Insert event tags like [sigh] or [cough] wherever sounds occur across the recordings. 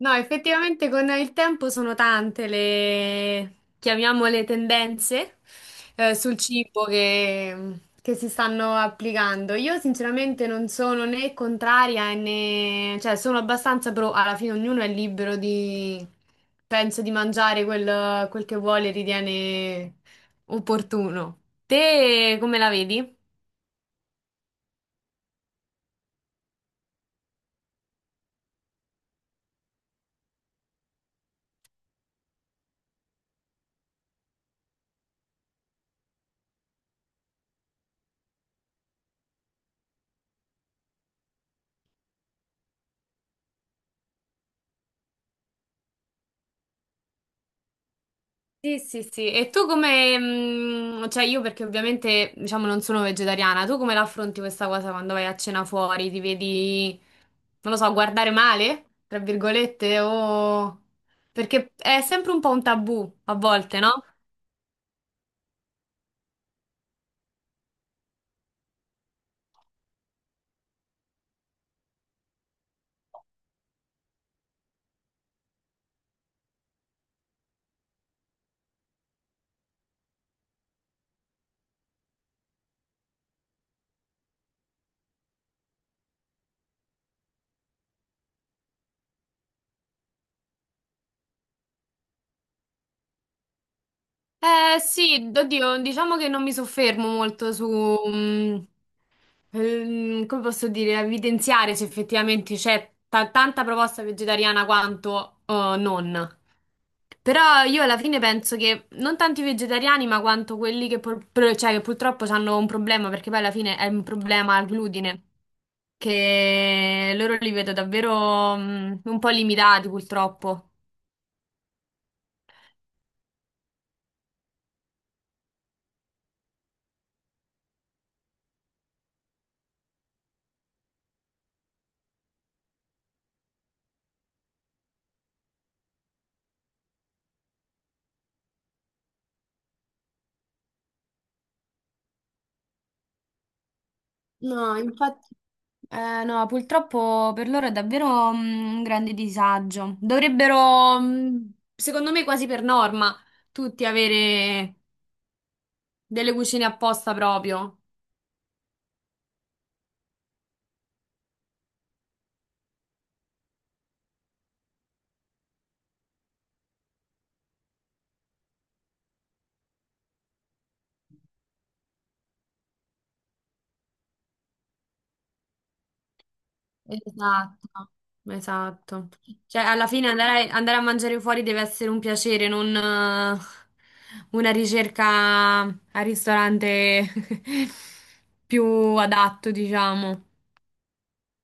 No, effettivamente con il tempo sono tante le, chiamiamole tendenze sul cibo che si stanno applicando. Io sinceramente non sono né contraria né, cioè sono abbastanza pro, alla fine ognuno è libero di, penso, di mangiare quel che vuole e ritiene opportuno. Te come la vedi? Sì, sì, sì. Cioè io perché ovviamente, diciamo, non sono vegetariana, tu come la affronti questa cosa quando vai a cena fuori? Ti vedi, non lo so, guardare male, tra virgolette, o. Perché è sempre un po' un tabù, a volte, no? Eh sì, oddio, diciamo che non mi soffermo molto su, mm, come posso dire, a evidenziare se effettivamente c'è tanta proposta vegetariana quanto non. Però io alla fine penso che non tanti vegetariani, ma quanto quelli che, cioè, che purtroppo hanno un problema, perché poi alla fine è un problema al glutine, che loro li vedo davvero un po' limitati purtroppo. No, infatti, no, purtroppo per loro è davvero un grande disagio. Dovrebbero, secondo me, quasi per norma, tutti avere delle cucine apposta proprio. Esatto, esatto. Cioè, alla fine andare a mangiare fuori deve essere un piacere, non una ricerca al ristorante [laughs] più adatto, diciamo.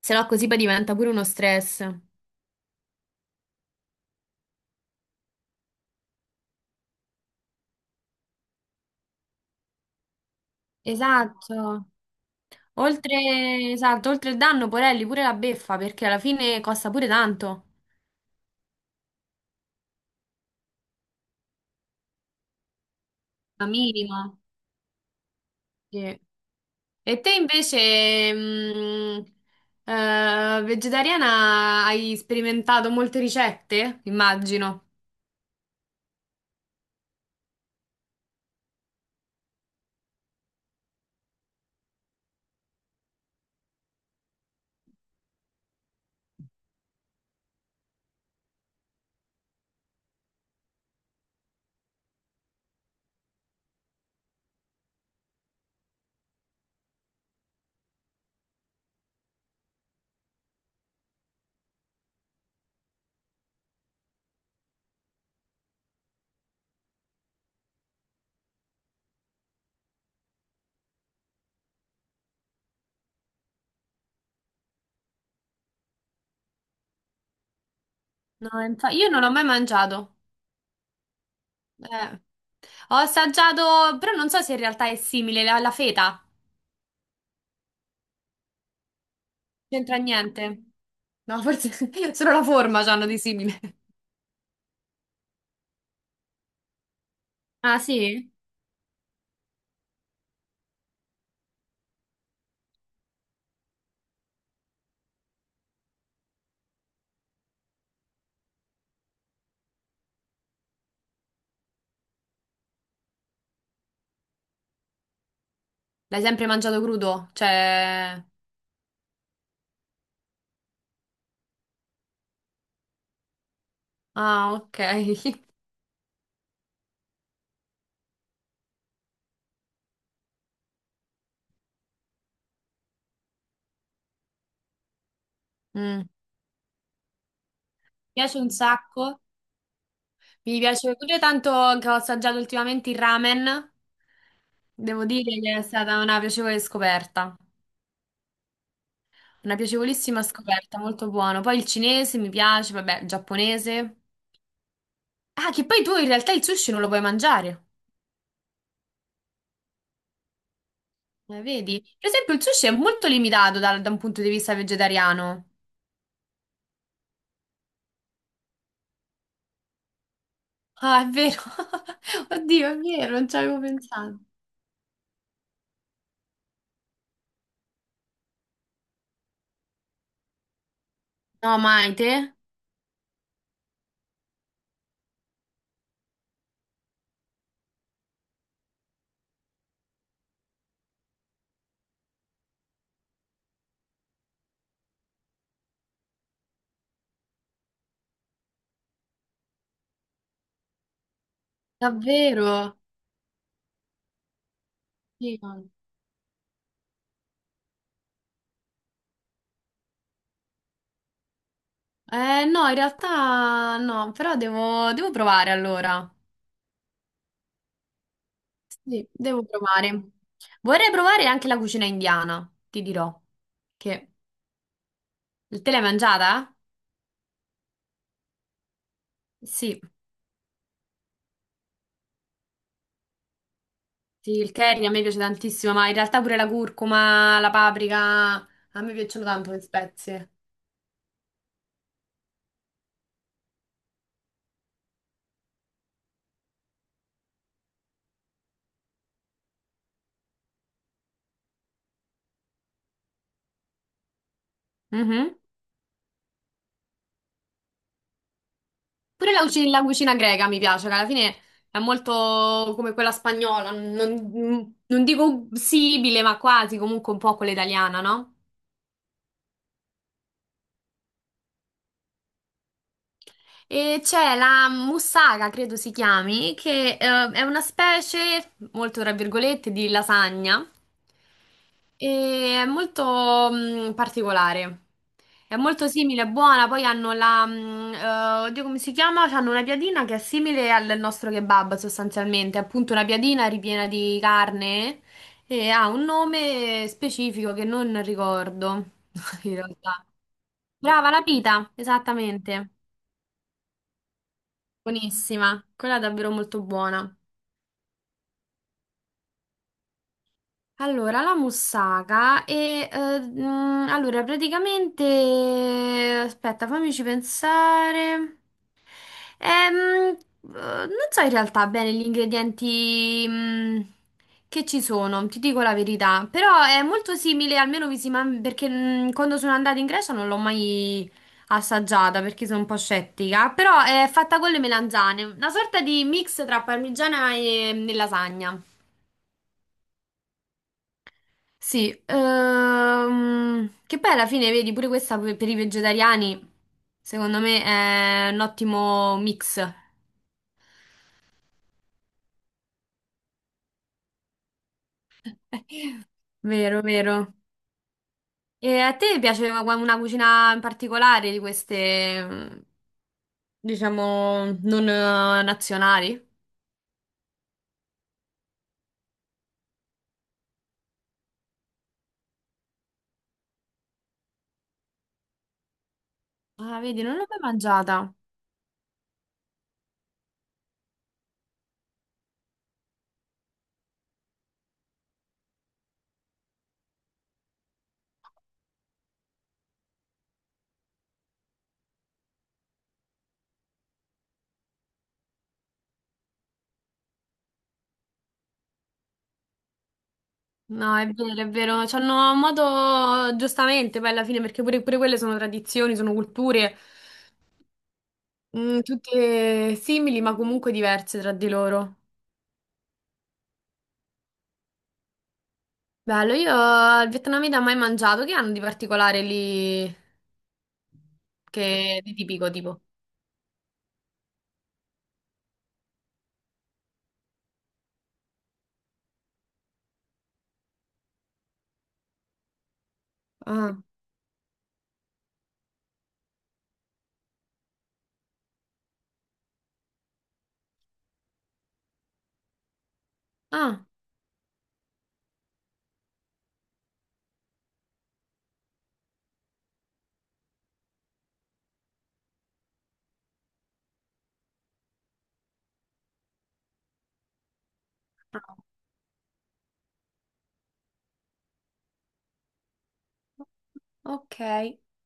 Se no, così poi diventa pure uno stress. Esatto. Oltre, esatto, oltre il danno, porelli, pure la beffa, perché alla fine costa pure tanto. La minima. Sì. E te invece, vegetariana, hai sperimentato molte ricette? Immagino. No, io non ho mai mangiato. Eh. Ho assaggiato, però non so se in realtà è simile alla feta. C'entra niente. No, forse [laughs] solo la forma c'hanno di simile. Ah, sì? L'hai sempre mangiato crudo? Cioè. Ah, ok. [laughs] Mm. Mi piace un sacco. Mi piace pure tanto che ho assaggiato ultimamente il ramen. Devo dire che è stata una piacevole scoperta. Una piacevolissima scoperta, molto buono. Poi il cinese mi piace, vabbè, il giapponese. Ah, che poi tu in realtà il sushi non lo puoi mangiare. Vedi? Per esempio, il sushi è molto limitato da un punto di vista vegetariano. Ah, è vero. [laughs] Oddio, è vero, non ci avevo pensato. No, mai te? Davvero? Sì. No. No, in realtà no, però devo provare allora. Sì, devo provare. Vorrei provare anche la cucina indiana, ti dirò. Che... Te l'hai mangiata? Sì, sì, il curry a me piace tantissimo, ma in realtà pure la curcuma, la paprika, a me piacciono tanto le spezie. Mhm. Pure la cucina greca mi piace, che alla fine è molto come quella spagnola, non dico simile, ma quasi comunque un po' quella italiana, no? E c'è la mussaga, credo si chiami, che è una specie, molto tra virgolette, di lasagna e è molto particolare. È molto simile, è buona, poi hanno la, oddio come si chiama? Hanno una piadina che è simile al nostro kebab sostanzialmente, è appunto una piadina ripiena di carne e ha un nome specifico che non ricordo [laughs] in realtà. Brava, la pita, esattamente. Buonissima, quella è davvero molto buona. Allora, la moussaka allora praticamente aspetta, fammici pensare. Ehm, Non so in realtà bene gli ingredienti che ci sono, ti dico la verità, però è molto simile, almeno visivamente, perché quando sono andata in Grecia non l'ho mai assaggiata perché sono un po' scettica, però è fatta con le melanzane, una sorta di mix tra parmigiana e lasagna. Sì, che poi alla fine, vedi, pure questa per i vegetariani, secondo me è un ottimo mix. [laughs] Vero, vero. E a te piace una cucina in particolare di queste, diciamo, non nazionali? Ah, vedi, non l'ho mai mangiata. No, è vero, è vero. C'hanno un modo, giustamente, poi alla fine, perché pure quelle sono tradizioni, sono culture, tutte simili, ma comunque diverse tra di loro. Bello, io al vietnamita mai mangiato, che hanno di particolare lì, che di tipico tipo? Ah, ah, ok.